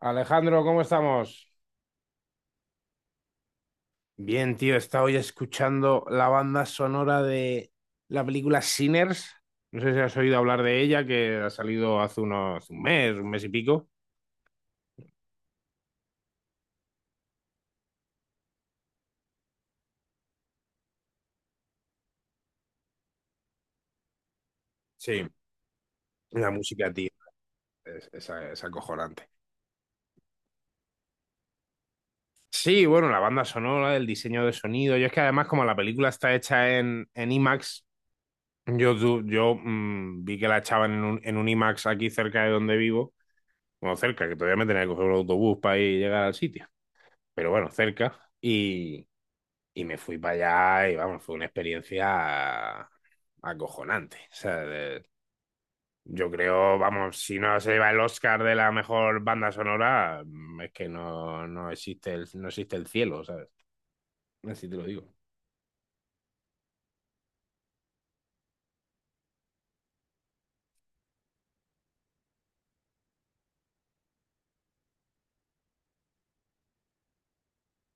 Alejandro, ¿cómo estamos? Bien, tío, he estado hoy escuchando la banda sonora de la película Sinners. No sé si has oído hablar de ella, que ha salido hace unos un mes y pico. Sí. La música, tío, es acojonante. Sí, bueno, la banda sonora, el diseño de sonido. Yo es que además, como la película está hecha en IMAX, yo, tu- yo mm, vi que la echaban en un IMAX aquí cerca de donde vivo. Bueno, cerca, que todavía me tenía que coger un autobús para ir y llegar al sitio. Pero bueno, cerca. Y y me fui para allá y vamos, fue una experiencia acojonante. O sea, de- yo creo, vamos, si no se lleva el Oscar de la mejor banda sonora, es que no, no existe el, no existe el cielo, ¿sabes? Así te lo digo.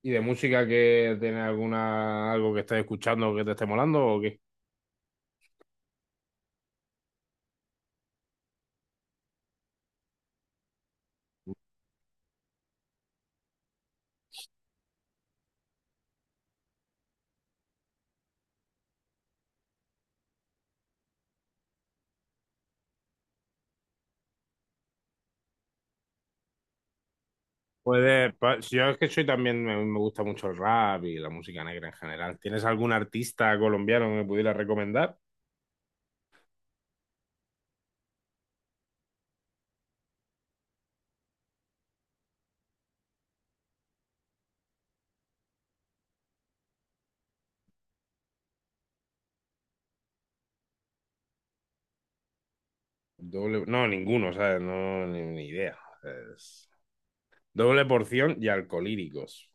¿Y de música que tiene alguna, algo que estés escuchando que te esté molando o qué? Puede, pa- si yo es que soy también, me gusta mucho el rap y la música negra en general. ¿Tienes algún artista colombiano que me pudiera recomendar? Doble, no, ninguno, ¿sabes? No, ni idea. Es doble porción y alcolíricos.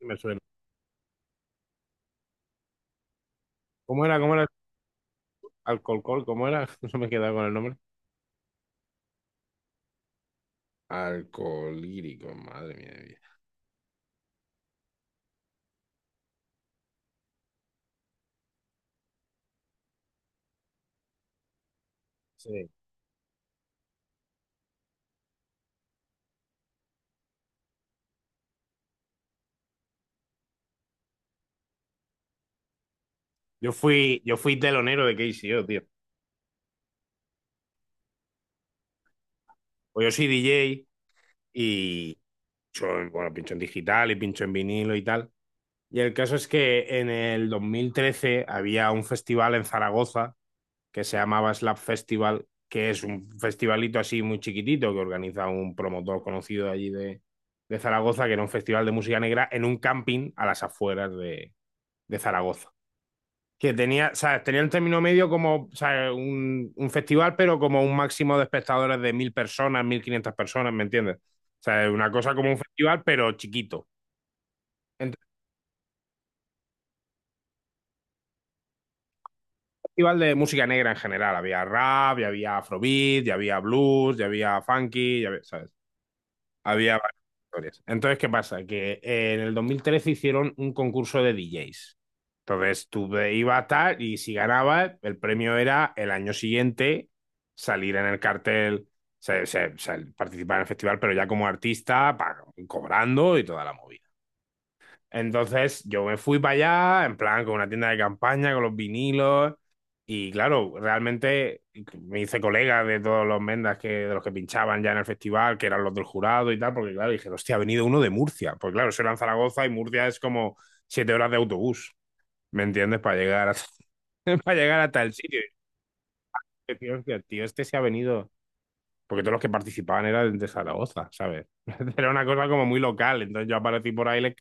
Me suena. ¿Cómo era? ¿Cómo era? Alcolcol, ¿cómo era? No me he quedado con el nombre. Alcolíricos, madre mía. De vida. Sí. Yo fui telonero de KCO, tío. Pues yo soy DJ y bueno, pincho en digital y pincho en vinilo y tal. Y el caso es que en el 2013 había un festival en Zaragoza que se llamaba Slap Festival, que es un festivalito así muy chiquitito que organiza un promotor conocido de allí de Zaragoza, que era un festival de música negra en un camping a las afueras de Zaragoza. Que tenía, ¿sabes? Tenía un término medio como, ¿sabes? Un festival, pero como un máximo de espectadores de 1.000 personas, 1.500 personas, ¿me entiendes? O sea, una cosa como un festival, pero chiquito. Entonces, un festival de música negra en general. Había rap, ya había afrobeat, ya había blues, ya había funky, ya había, ¿sabes? Había varias historias. Entonces, ¿qué pasa? Que en el 2013 hicieron un concurso de DJs. Entonces, ibas a tal y si ganabas, el premio era el año siguiente salir en el cartel, o sea, participar en el festival, pero ya como artista, pa- cobrando y toda la movida. Entonces yo me fui para allá, en plan, con una tienda de campaña, con los vinilos, y claro, realmente me hice colega de todos los mendas que, de los que pinchaban ya en el festival, que eran los del jurado y tal, porque claro, dije, hostia, ha venido uno de Murcia, pues claro, eso era en Zaragoza y Murcia es como 7 horas de autobús, ¿me entiendes? Para llegar hasta el sitio. Y dije, hostia, tío, este se ha venido, porque todos los que participaban eran de Zaragoza, ¿sabes? Era una cosa como muy local, entonces yo aparecí por ahí, les.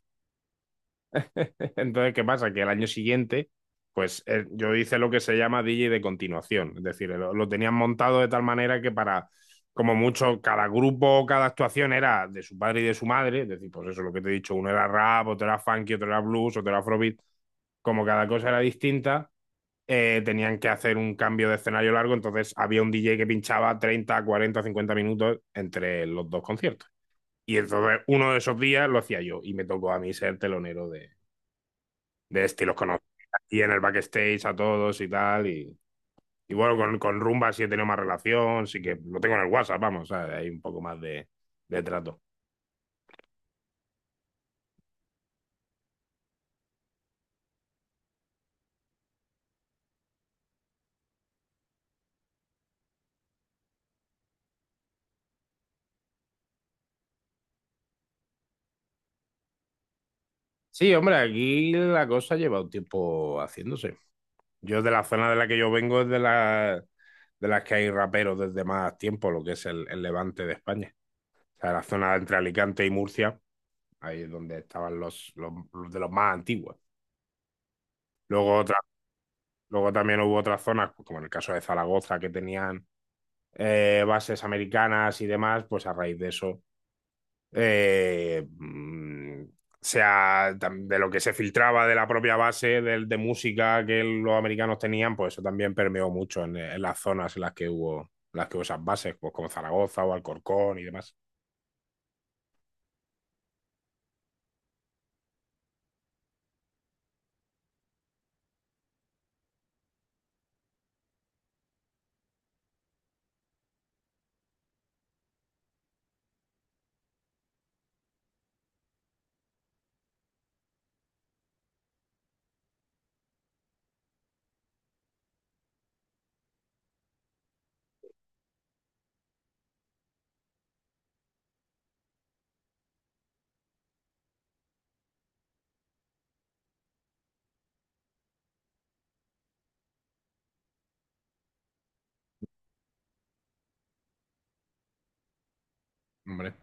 Entonces, ¿qué pasa? Que el año siguiente, pues yo hice lo que se llama DJ de continuación. Es decir, lo tenían montado de tal manera que para, como mucho, cada grupo, cada actuación era de su padre y de su madre. Es decir, pues eso, lo que te he dicho, uno era rap, otro era funky, otro era blues, otro era afrobeat. Como cada cosa era distinta, tenían que hacer un cambio de escenario largo. Entonces había un DJ que pinchaba 30 40 50 minutos entre los dos conciertos. Y entonces uno de esos días lo hacía yo y me tocó a mí ser telonero de este, y los conocí aquí en el backstage a todos y tal. Y y bueno, con Rumba sí he tenido más relación, sí que lo tengo en el WhatsApp, vamos, ¿sabes? Hay un poco más de trato. Sí, hombre, aquí la cosa lleva un tiempo haciéndose. Yo de la zona de la que yo vengo es de, la, de las que hay raperos desde más tiempo, lo que es el levante de España. O sea, la zona entre Alicante y Murcia, ahí es donde estaban los, los de los más antiguos. Luego, otra, luego también hubo otras zonas, pues como en el caso de Zaragoza, que tenían bases americanas y demás, pues a raíz de eso, eh, mm, sea tam- de lo que se filtraba de la propia base de música que los americanos tenían, pues eso también permeó mucho en las zonas en las que hubo esas bases, pues como Zaragoza o Alcorcón y demás. Hombre,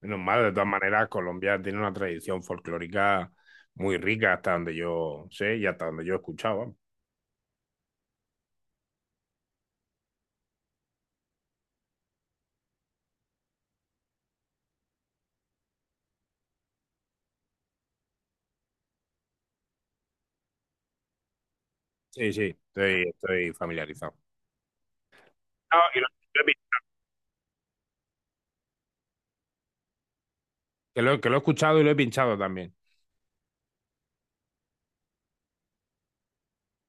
menos mal, de todas maneras, Colombia tiene una tradición folclórica muy rica hasta donde yo sé y hasta donde yo he escuchaba. Sí, sí, estoy familiarizado. No, y lo- que lo, que lo he escuchado y lo he pinchado también.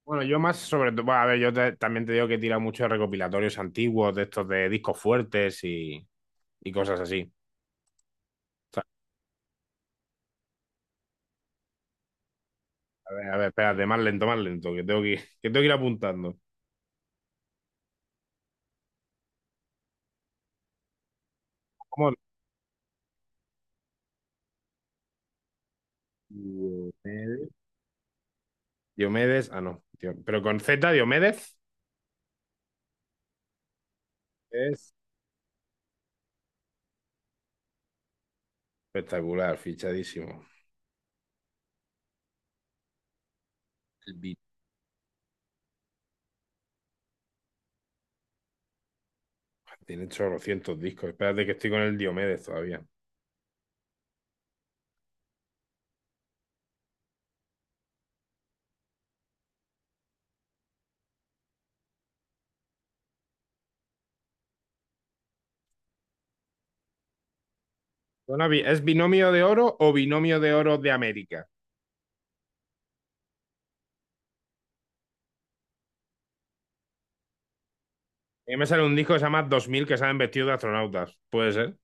Bueno, yo más sobre todo, bueno, a ver, yo te- también te digo que tira mucho de recopilatorios antiguos, de estos de discos fuertes y cosas así. O sea, a ver, espérate, más lento, que tengo que ir, que tengo que ir apuntando. ¿Cómo? Diomedes, Diomedes- ah, no, Dio- pero con Z, Diomedes es espectacular, fichadísimo. El bi- tiene 800 discos, espérate que estoy con el Diomedes todavía. Bueno, bi- ¿es binomio de oro o binomio de oro de América? A mí me sale un disco que se llama Dos Mil que salen vestidos de astronautas. ¿Puede ser?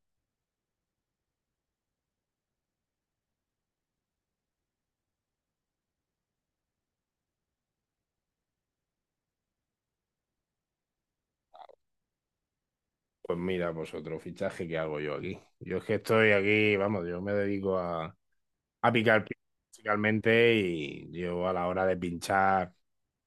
Pues mira, pues otro fichaje que hago yo aquí. Yo es que estoy aquí, vamos, yo me dedico a, a picar pi- principalmente y yo a la hora de pinchar,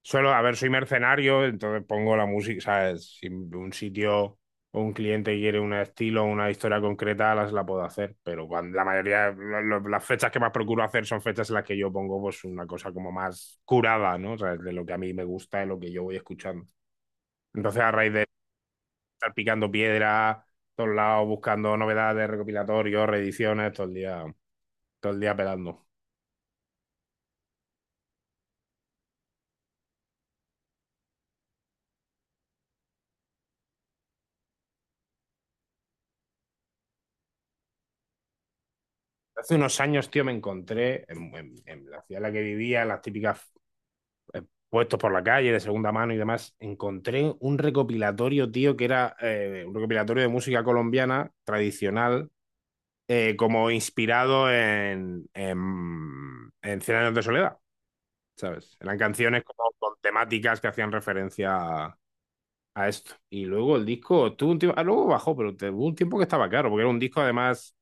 suelo, a ver, soy mercenario, entonces pongo la música, ¿sabes? Si un sitio o un cliente quiere un estilo o una historia concreta, las la puedo hacer, pero cuando, la mayoría, las fechas que más procuro hacer son fechas en las que yo pongo pues una cosa como más curada, ¿no? O sea, de lo que a mí me gusta, de lo que yo voy escuchando. Entonces, a raíz de estar picando piedra, todos lados, buscando novedades, recopilatorios, reediciones, todo el día pelando. Hace unos años, tío, me encontré en la ciudad en la que vivía, en las típicas eh, puestos por la calle de segunda mano y demás, encontré un recopilatorio, tío, que era un recopilatorio de música colombiana tradicional, como inspirado en 100 años de soledad, ¿sabes? Eran canciones como con temáticas que hacían referencia a esto. Y luego el disco tuvo un tiempo, ah, luego bajó, pero tuvo un tiempo que estaba caro, porque era un disco además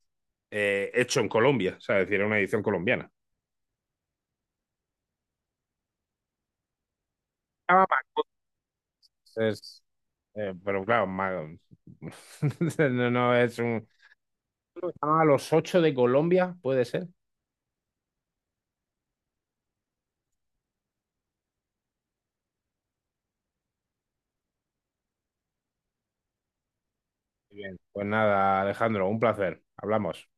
hecho en Colombia, o sea, es decir, era una edición colombiana. Estaba Macondo, es- pero claro, ma- no, no, es un... A los ocho de Colombia, puede ser. Muy bien. Pues nada, Alejandro, un placer. Hablamos.